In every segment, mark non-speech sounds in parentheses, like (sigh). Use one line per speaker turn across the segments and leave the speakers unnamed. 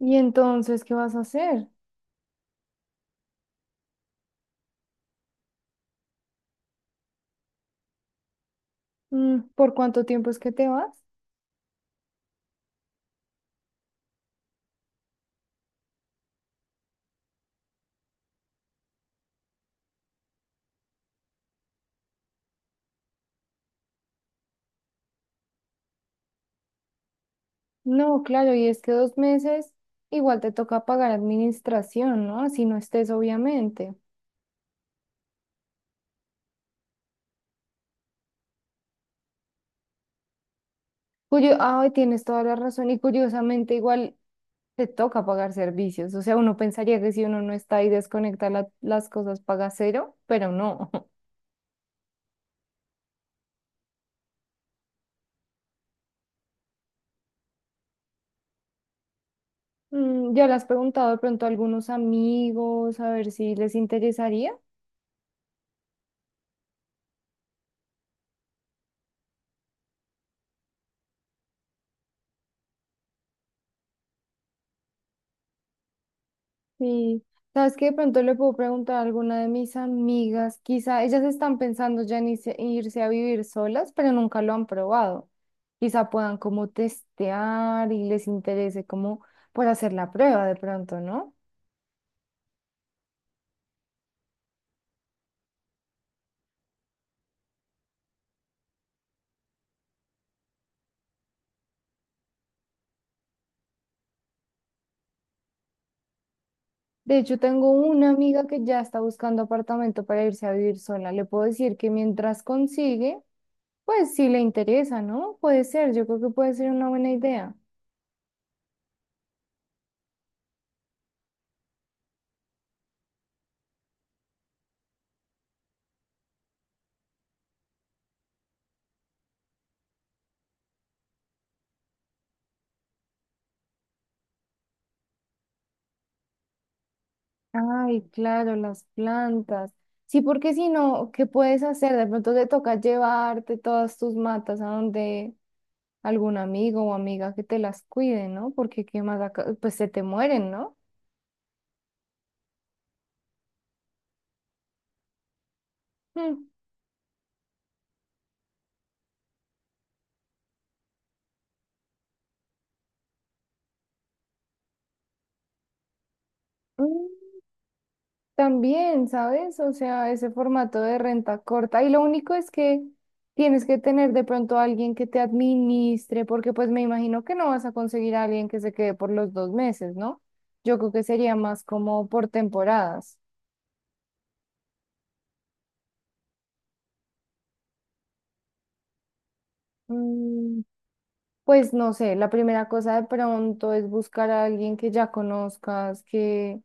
Y entonces, ¿qué vas a hacer? Mm, ¿Por cuánto tiempo es que te vas? No, claro, y es que 2 meses igual te toca pagar administración, ¿no? Si no estés, obviamente. Cuyo, ay, tienes toda la razón. Y curiosamente, igual te toca pagar servicios. O sea, uno pensaría que si uno no está y desconecta las cosas, paga cero, pero no. (laughs) Mm, ya le has preguntado de pronto a algunos amigos a ver si les interesaría. Sí, sabes que de pronto le puedo preguntar a alguna de mis amigas, quizá ellas están pensando ya en irse a vivir solas, pero nunca lo han probado. Quizá puedan como testear y les interese como por hacer la prueba de pronto, ¿no? De hecho, tengo una amiga que ya está buscando apartamento para irse a vivir sola. Le puedo decir que mientras consigue, pues si le interesa, ¿no? Puede ser, yo creo que puede ser una buena idea. Ay, claro, las plantas. Sí, porque si no, ¿qué puedes hacer? De pronto te toca llevarte todas tus matas a donde algún amigo o amiga que te las cuide, ¿no? Porque qué más acá, pues se te mueren, ¿no? Mm. Mm, También, ¿sabes? O sea, ese formato de renta corta. Y lo único es que tienes que tener de pronto a alguien que te administre, porque pues me imagino que no vas a conseguir a alguien que se quede por los 2 meses, ¿no? Yo creo que sería más como por temporadas. Mm, Pues no sé, la primera cosa de pronto es buscar a alguien que ya conozcas, que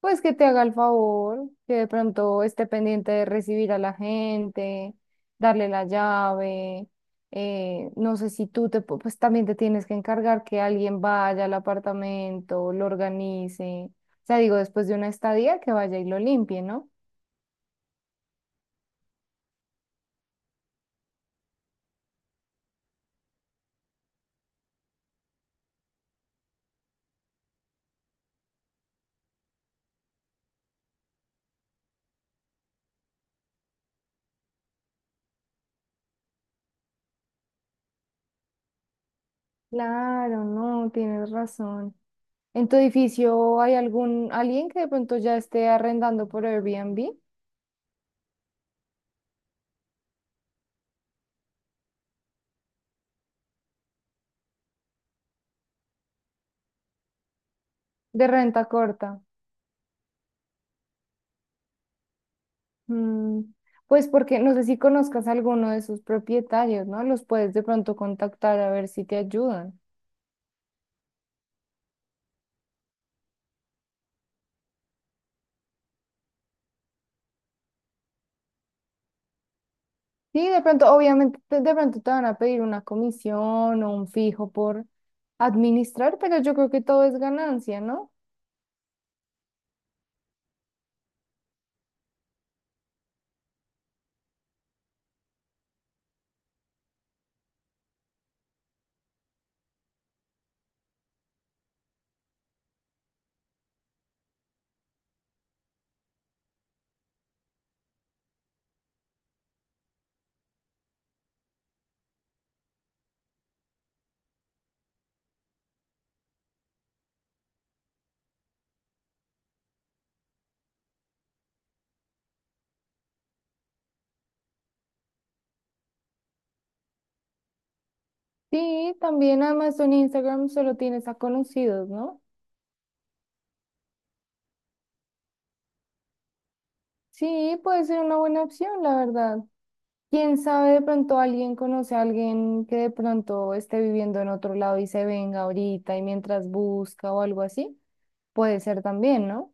pues que te haga el favor, que de pronto esté pendiente de recibir a la gente, darle la llave. No sé si tú pues también te tienes que encargar que alguien vaya al apartamento, lo organice. O sea, digo, después de una estadía que vaya y lo limpie, ¿no? Claro, no, tienes razón. ¿En tu edificio hay algún alguien que de pronto ya esté arrendando por Airbnb de renta corta? Mm, pues porque no sé si conozcas a alguno de sus propietarios, ¿no? Los puedes de pronto contactar a ver si te ayudan. Sí, de pronto, obviamente, de pronto te van a pedir una comisión o un fijo por administrar, pero yo creo que todo es ganancia, ¿no? Sí, también además en Instagram solo tienes a conocidos, ¿no? Sí, puede ser una buena opción, la verdad. ¿Quién sabe de pronto alguien conoce a alguien que de pronto esté viviendo en otro lado y se venga ahorita y mientras busca o algo así? Puede ser también, ¿no?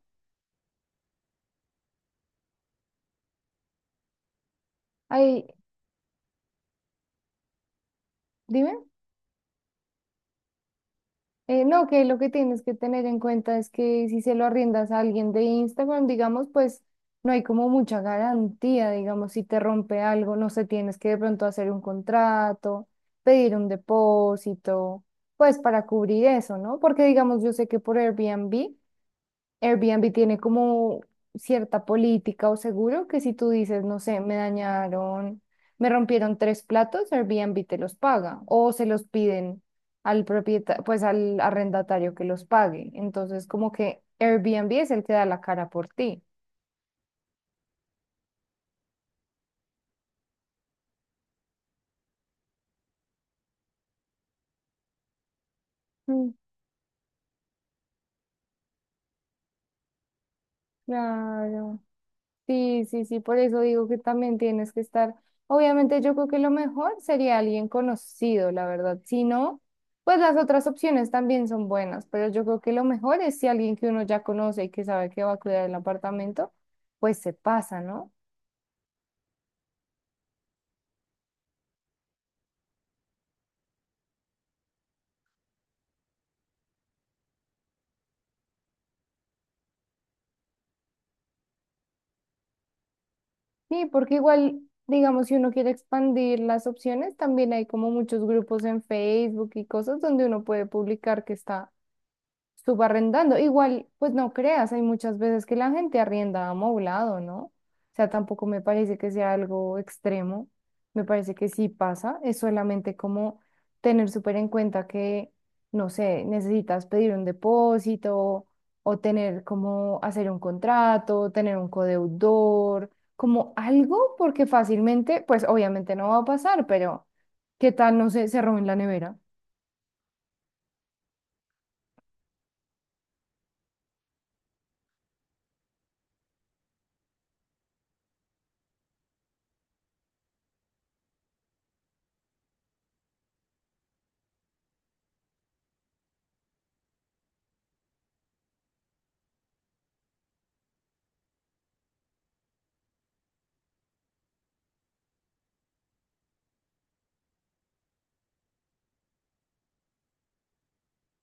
Ay, dime. No, que lo que tienes que tener en cuenta es que si se lo arriendas a alguien de Instagram, digamos, pues no hay como mucha garantía, digamos, si te rompe algo, no sé, tienes que de pronto hacer un contrato, pedir un depósito, pues para cubrir eso, ¿no? Porque digamos, yo sé que por Airbnb tiene como cierta política o seguro que si tú dices, no sé, me dañaron, me rompieron 3 platos, Airbnb te los paga o se los piden al propietario, pues al arrendatario que los pague. Entonces, como que Airbnb es el que da la cara por ti. Mm, Claro. Sí, sí, sí, por eso digo que también tienes que estar. Obviamente yo creo que lo mejor sería alguien conocido, la verdad. Si no, pues las otras opciones también son buenas, pero yo creo que lo mejor es si alguien que uno ya conoce y que sabe que va a cuidar el apartamento, pues se pasa, ¿no? Sí, porque igual, digamos, si uno quiere expandir las opciones, también hay como muchos grupos en Facebook y cosas donde uno puede publicar que está subarrendando. Igual, pues no creas, hay muchas veces que la gente arrienda amoblado, ¿no? O sea, tampoco me parece que sea algo extremo. Me parece que sí pasa. Es solamente como tener súper en cuenta que, no sé, necesitas pedir un depósito o tener como hacer un contrato, tener un codeudor, como algo, porque fácilmente, pues obviamente no va a pasar, pero ¿qué tal, no sé, se roben la nevera?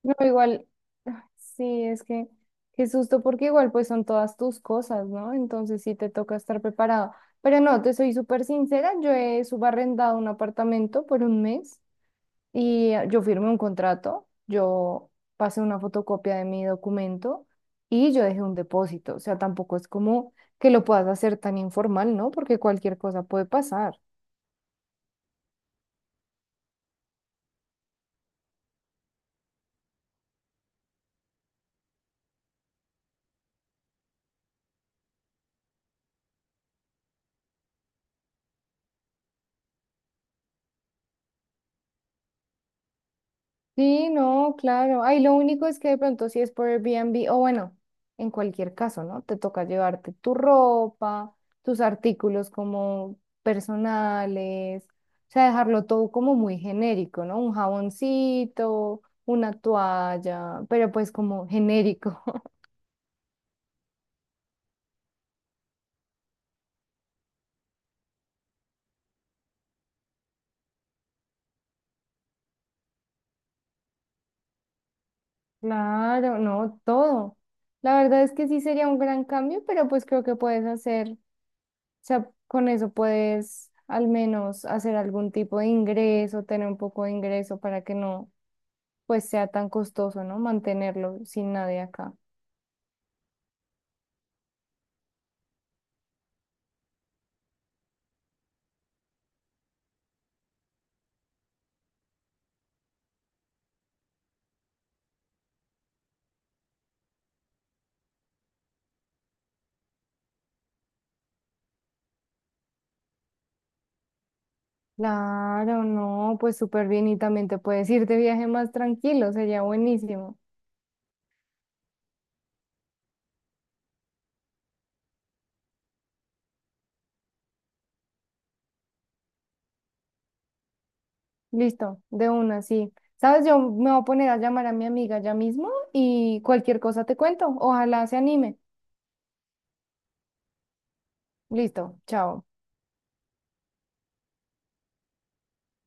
No, igual, ah, sí, es que qué susto, porque igual pues son todas tus cosas, ¿no? Entonces sí te toca estar preparado. Pero no, te soy súper sincera, yo he subarrendado un apartamento por un mes y yo firmé un contrato, yo pasé una fotocopia de mi documento y yo dejé un depósito. O sea, tampoco es como que lo puedas hacer tan informal, ¿no? Porque cualquier cosa puede pasar. Sí, no, claro. Ay, lo único es que de pronto si es por Airbnb, o bueno, en cualquier caso, ¿no? Te toca llevarte tu ropa, tus artículos como personales, o sea, dejarlo todo como muy genérico, ¿no? Un jaboncito, una toalla, pero pues como genérico. (laughs) Claro, no, todo. La verdad es que sí sería un gran cambio, pero pues creo que puedes hacer. O sea, con eso puedes al menos hacer algún tipo de ingreso, tener un poco de ingreso para que no, pues sea tan costoso, ¿no? Mantenerlo sin nadie acá. Claro, no, pues súper bien y también te puedes ir de viaje más tranquilo, sería buenísimo. Listo, de una, sí. ¿Sabes? Yo me voy a poner a llamar a mi amiga ya mismo y cualquier cosa te cuento. Ojalá se anime. Listo, chao.